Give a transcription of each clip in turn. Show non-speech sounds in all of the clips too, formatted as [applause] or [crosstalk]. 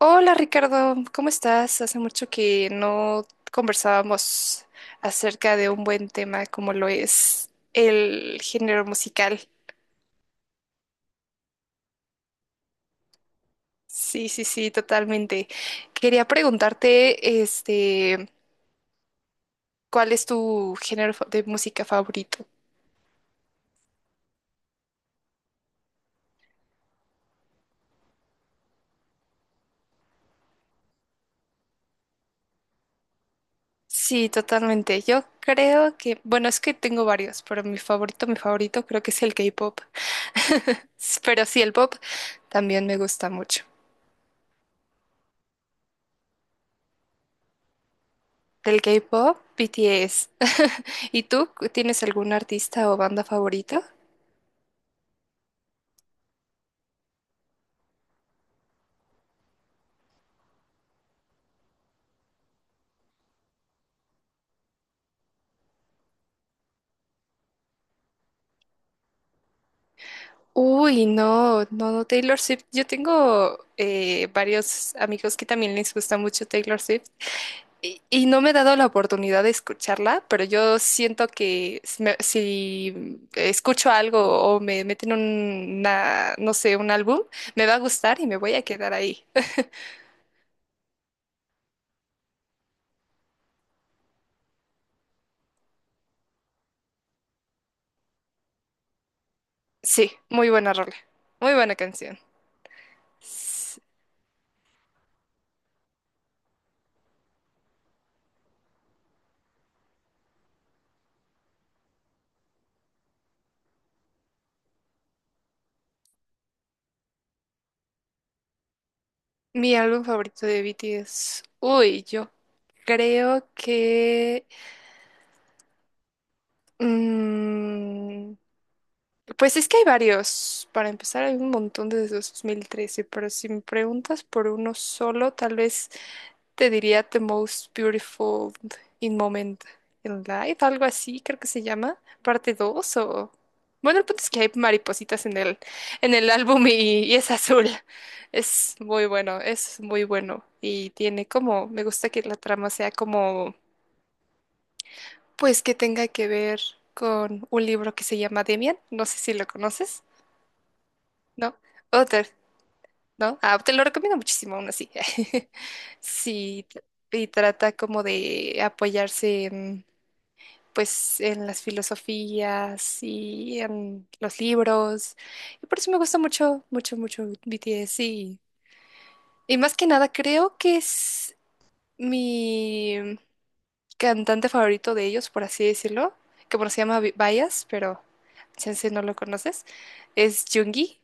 Hola Ricardo, ¿cómo estás? Hace mucho que no conversábamos acerca de un buen tema como lo es el género musical. Sí, sí, sí, totalmente. Quería preguntarte, ¿cuál es tu género de música favorito? Sí, totalmente. Yo creo que, bueno, es que tengo varios, pero mi favorito creo que es el K-pop. [laughs] Pero sí, el pop también me gusta mucho. Del K-pop, BTS. [laughs] ¿Y tú tienes algún artista o banda favorita? Uy, no, no, no, Taylor Swift. Yo tengo varios amigos que también les gusta mucho Taylor Swift y no me he dado la oportunidad de escucharla, pero yo siento que si escucho algo o me meten una, no sé, un álbum, me va a gustar y me voy a quedar ahí. [laughs] Sí, muy buena rola, muy buena canción. Mi álbum favorito de BTS. Uy, yo creo que mm, pues es que hay varios. Para empezar, hay un montón desde 2013, pero si me preguntas por uno solo, tal vez te diría The Most Beautiful in Moment in Life, algo así creo que se llama, parte 2 o... Bueno, el punto es que hay maripositas en el álbum y es azul. Es muy bueno, es muy bueno. Y tiene como, me gusta que la trama sea como, pues que tenga que ver con un libro que se llama Demian. No sé si lo conoces, ¿no? Other. ¿No? Ah, te lo recomiendo muchísimo aún así. [laughs] Sí, y trata como de apoyarse en, pues, en las filosofías y en los libros. Y por eso me gusta mucho, mucho, mucho BTS. Y más que nada, creo que es mi cantante favorito de ellos, por así decirlo, que bueno, se llama Bias, pero chance no lo conoces. Es Jungi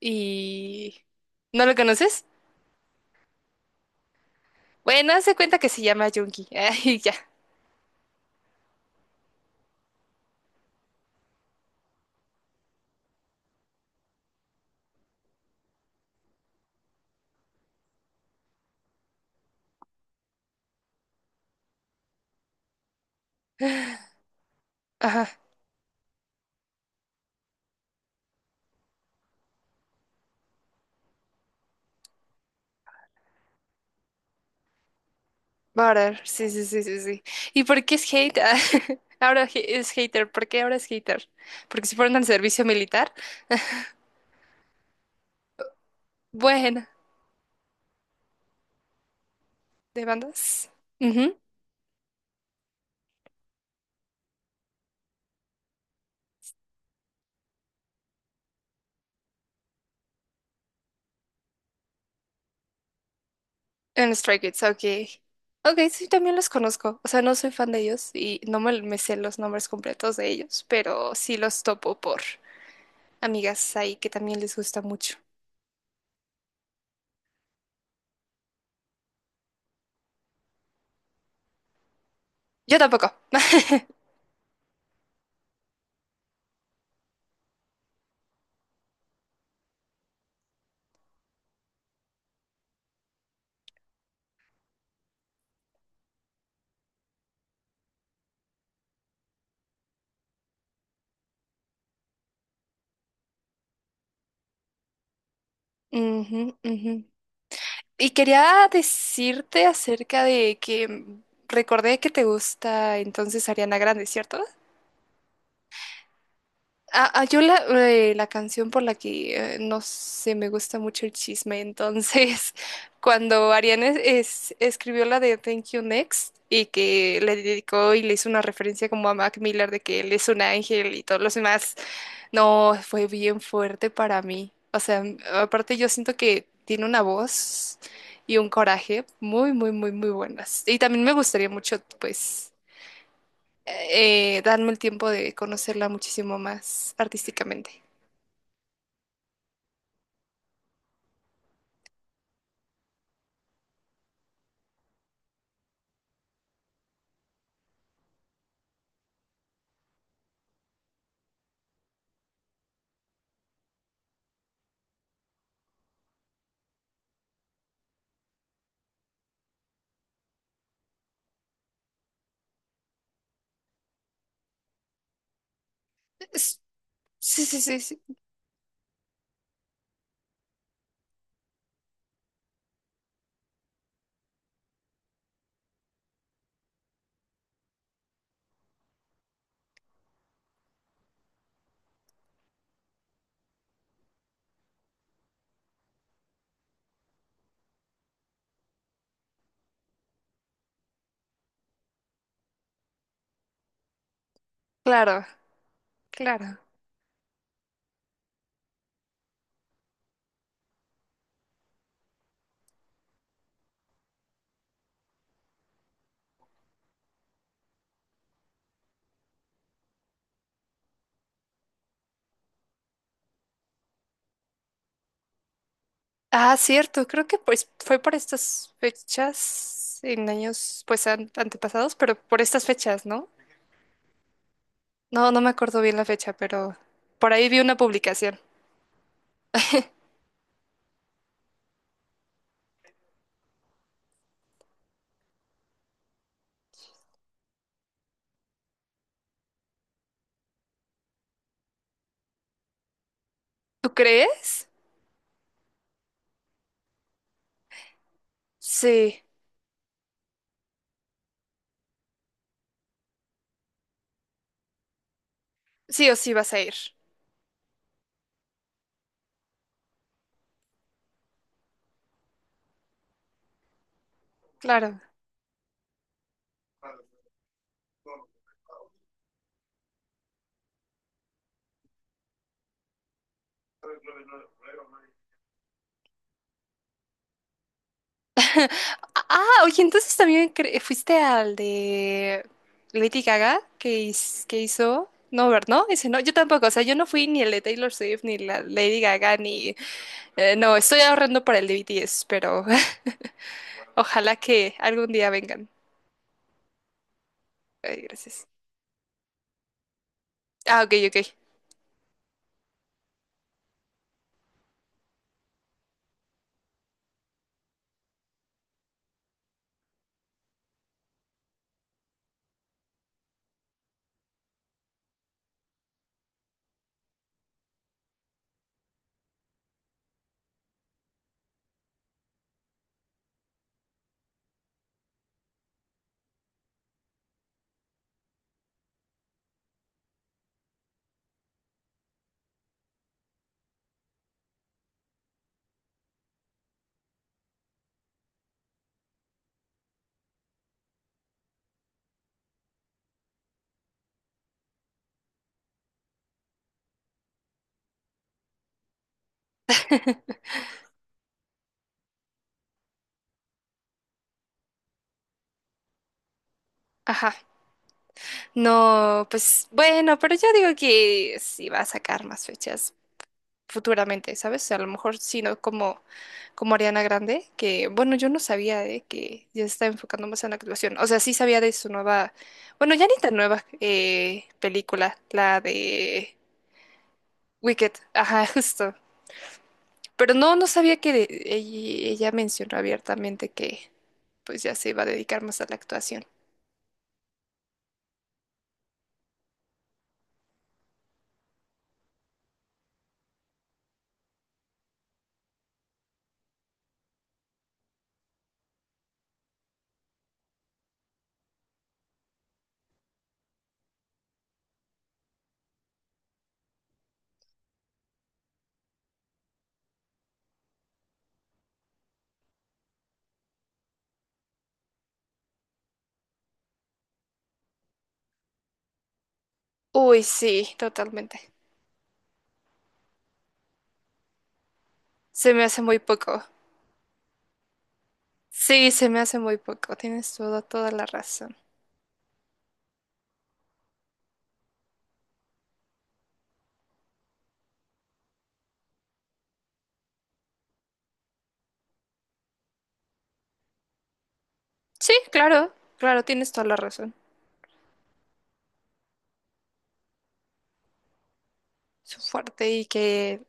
y... ¿No lo conoces? Bueno, hace cuenta que se llama Junkie. [laughs] Ay, ya. Ajá. Butter. Sí, sí, sí, sí, sí. ¿Y por qué es hate? Ah, [laughs] ahora es hater. ¿Por qué ahora es hater? Porque si fueron al servicio militar. Bueno, de bandas. Ujú. En Stray Kids, ok. Ok, sí, también los conozco. O sea, no soy fan de ellos y no me sé los nombres completos de ellos, pero sí los topo por amigas ahí que también les gusta mucho. Yo tampoco. Ujú, ujú. Y quería decirte acerca de que recordé que te gusta entonces Ariana Grande, ¿cierto? Ah, ah, la canción por la que no sé, me gusta mucho el chisme. Entonces, [laughs] cuando Ariana escribió la de Thank You Next y que le dedicó y le hizo una referencia como a Mac Miller de que él es un ángel y todos los demás, no, fue bien fuerte para mí. O sea, aparte yo siento que tiene una voz y un coraje muy, muy, muy, muy buenas. Y también me gustaría mucho, pues darme el tiempo de conocerla muchísimo más artísticamente. Es- sí, sí, sí, sí, claro, claro. Ah, cierto, creo que pues fue por estas fechas, en años pues antepasados, pero por estas fechas, ¿no? No, no me acuerdo bien la fecha, pero por ahí vi una publicación. ¿Tú crees? Sí, sí o sí vas a ir. Claro. Ah, oye, entonces también fuiste al de Lady Gaga que, que hizo. No, ¿no? Ese no, yo tampoco. O sea, yo no fui ni el de Taylor Swift, ni la Lady Gaga, ni. No, estoy ahorrando para el de BTS, pero [laughs] ojalá que algún día vengan. Ay, gracias. Ah, ok, ok. Ajá. No, pues bueno, pero yo digo que sí va a sacar más fechas. Futuramente, ¿sabes? O sea, a lo mejor sí, no como Ariana Grande, que bueno, yo no sabía de que ya se está enfocando más en la actuación. O sea, sí sabía de su nueva, bueno, ya ni tan nueva película, la de Wicked, ajá, [laughs] justo. Pero no, no sabía que ella mencionó abiertamente que pues ya se iba a dedicar más a la actuación. Uy, sí, totalmente. Se me hace muy poco. Sí, se me hace muy poco. Tienes toda, toda la razón. Sí, claro, claro, tienes toda la razón. Su fuerte y que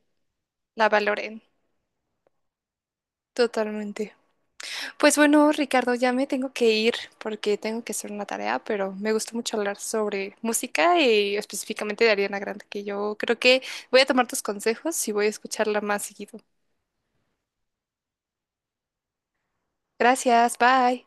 la valoren totalmente. Pues bueno, Ricardo, ya me tengo que ir porque tengo que hacer una tarea, pero me gustó mucho hablar sobre música y específicamente de Ariana Grande, que yo creo que voy a tomar tus consejos y voy a escucharla más seguido. Gracias, bye.